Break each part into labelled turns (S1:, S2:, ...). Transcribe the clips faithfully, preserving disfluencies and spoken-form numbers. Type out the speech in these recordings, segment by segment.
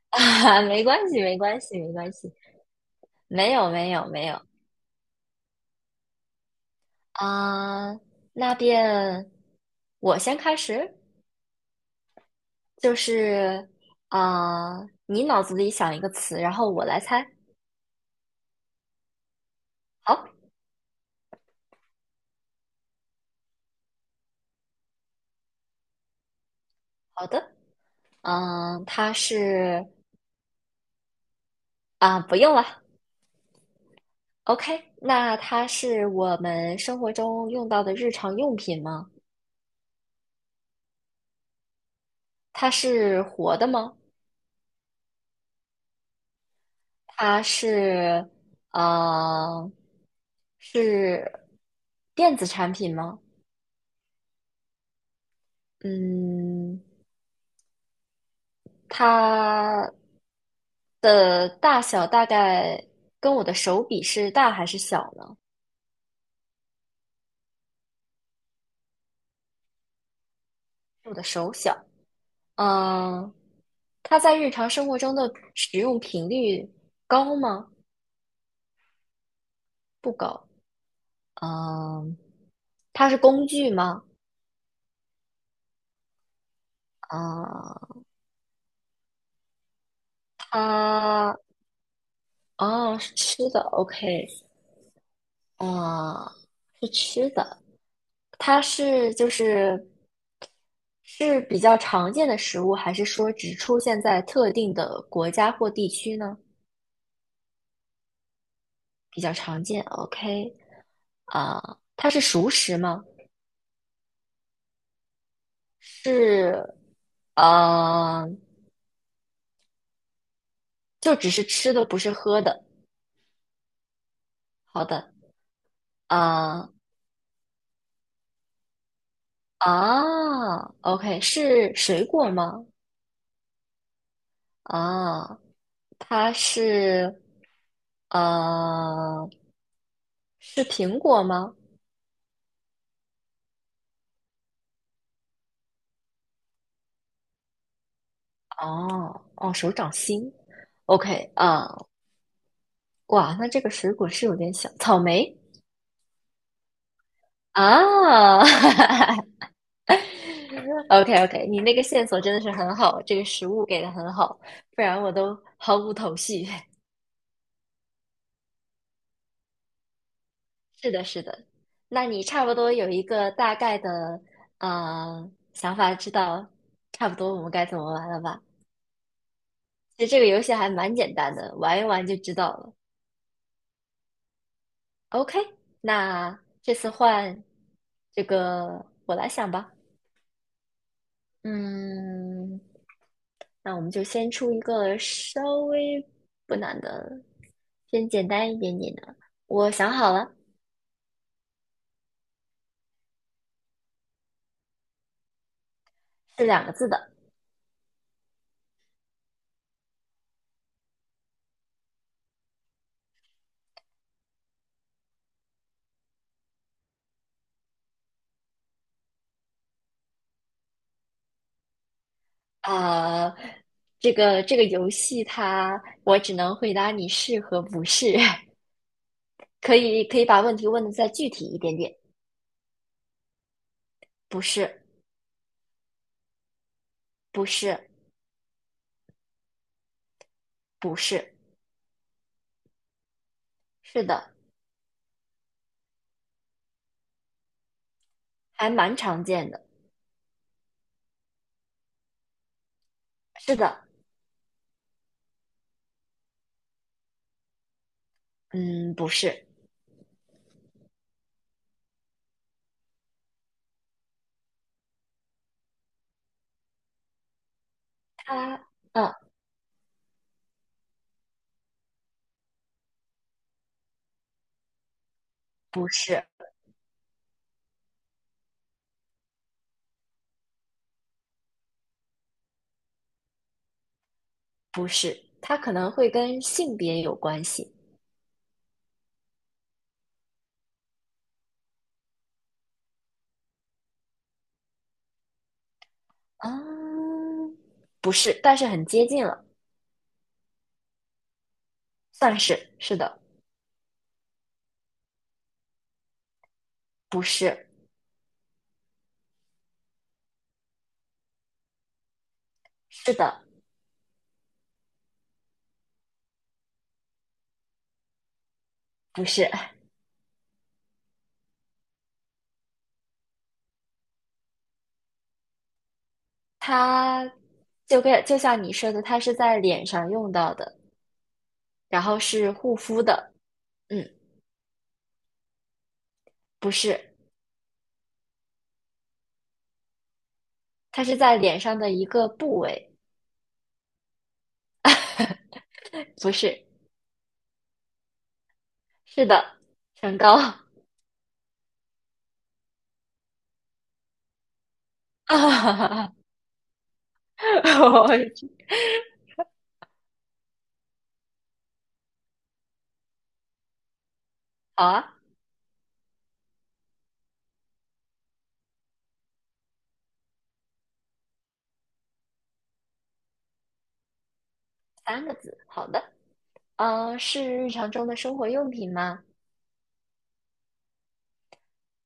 S1: 啊，没关系，没关系，没关系，没有，没有，没有啊。那便我先开始，就是啊，你脑子里想一个词，然后我来猜。好，好的，嗯，它是啊，不用了。OK，那它是我们生活中用到的日常用品吗？它是活的吗？它是呃，是电子产品吗？嗯，它的大小大概跟我的手比是大还是小呢？我的手小。嗯，它在日常生活中的使用频率高吗？不高。嗯，它是工具吗？啊、它哦是吃的，OK,啊、是吃的。它是就是是比较常见的食物，还是说只出现在特定的国家或地区呢？比较常见，OK，啊、它是熟食吗？是，呃，就只是吃的，不是喝的。好的，啊、啊，OK，是水果吗？啊，它是，呃，是苹果吗？哦哦，手掌心，OK 啊，哇，那这个水果是有点小，草莓啊 ，OK OK，你那个线索真的是很好，这个食物给的很好，不然我都毫无头绪。是的，是的，那你差不多有一个大概的呃想法，知道差不多我们该怎么玩了吧？其实这个游戏还蛮简单的，玩一玩就知道了。OK，那这次换这个我来想吧。嗯，那我们就先出一个稍微不难的，先简单一点点的。我想好了，是两个字的。啊、这个这个游戏它，我只能回答你是和不是，可以可以把问题问的再具体一点点。不是，不是，不是，是的，还蛮常见的。是的，嗯，不是，它，嗯，不是，不是，它可能会跟性别有关系。啊，不是，但是很接近了，算是是的，不是，是的，不是。它就跟就像你说的，它是在脸上用到的，然后是护肤的，嗯，不是，它是在脸上的一个部位，不是，是的，唇膏 啊，好啊，三个字，好的，嗯、是日常中的生活用品吗？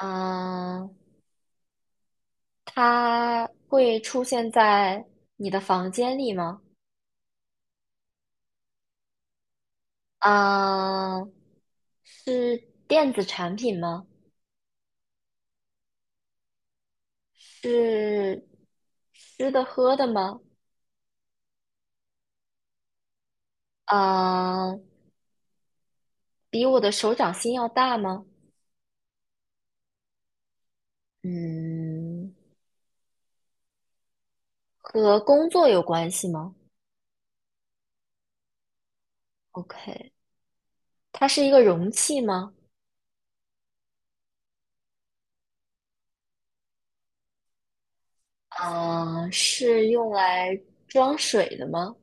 S1: 嗯、它会出现在你的房间里吗？啊，是电子产品吗？是吃的喝的吗？啊，比我的手掌心要大吗？嗯，和工作有关系吗？OK，它是一个容器吗？啊，是用来装水的吗？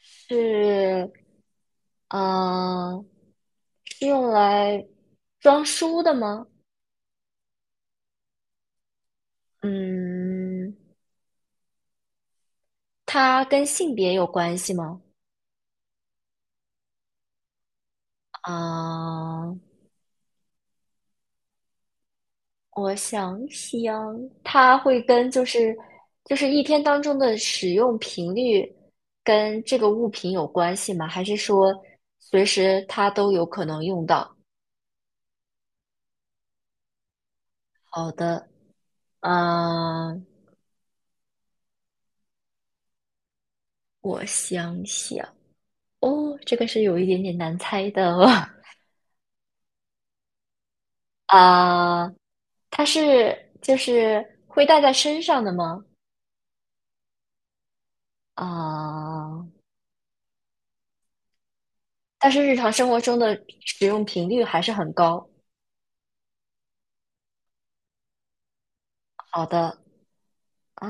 S1: 是，嗯，是用来装书的吗？嗯，它跟性别有关系吗？啊、我想想，它会跟就是就是一天当中的使用频率跟这个物品有关系吗？还是说随时它都有可能用到？好的，嗯、我想想，哦，这个是有一点点难猜的哦 啊、它是就是会带在身上的吗？啊、但是日常生活中的使用频率还是很高。好的，啊，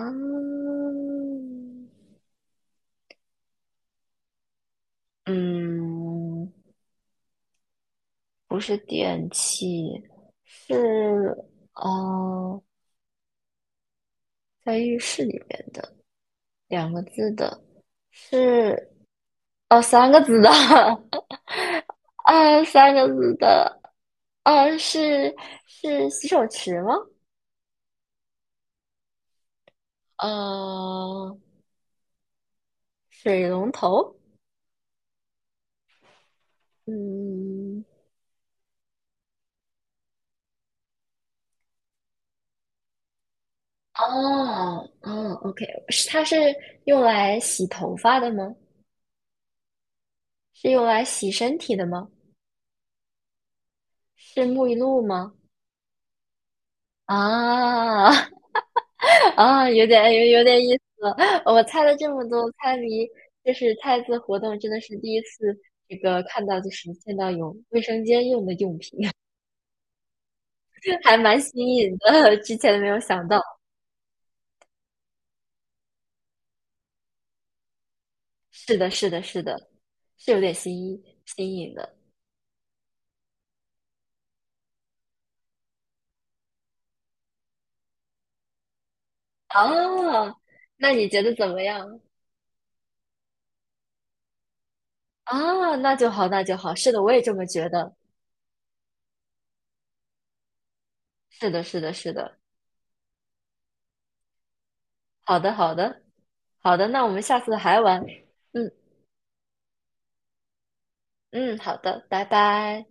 S1: 嗯，不是电器，是哦，在浴室里面的两个字的，是哦，三个字的，啊，三个字的，啊，是是洗手池吗？呃，水龙头，嗯，哦哦，OK，是它是用来洗头发的吗？是用来洗身体的吗？是沐浴露吗？啊 啊，有点有有点意思了。我猜了这么多猜谜，就是猜字活动，真的是第一次这个看到，就是见到有卫生间用的用品，还蛮新颖的，之前没有想到。是的，是的，是的，是有点新意新颖的。哦，那你觉得怎么样？啊，那就好，那就好。是的，我也这么觉得。是的，是的，是的。好的，好的，好的。那我们下次还玩。嗯嗯，好的，拜拜。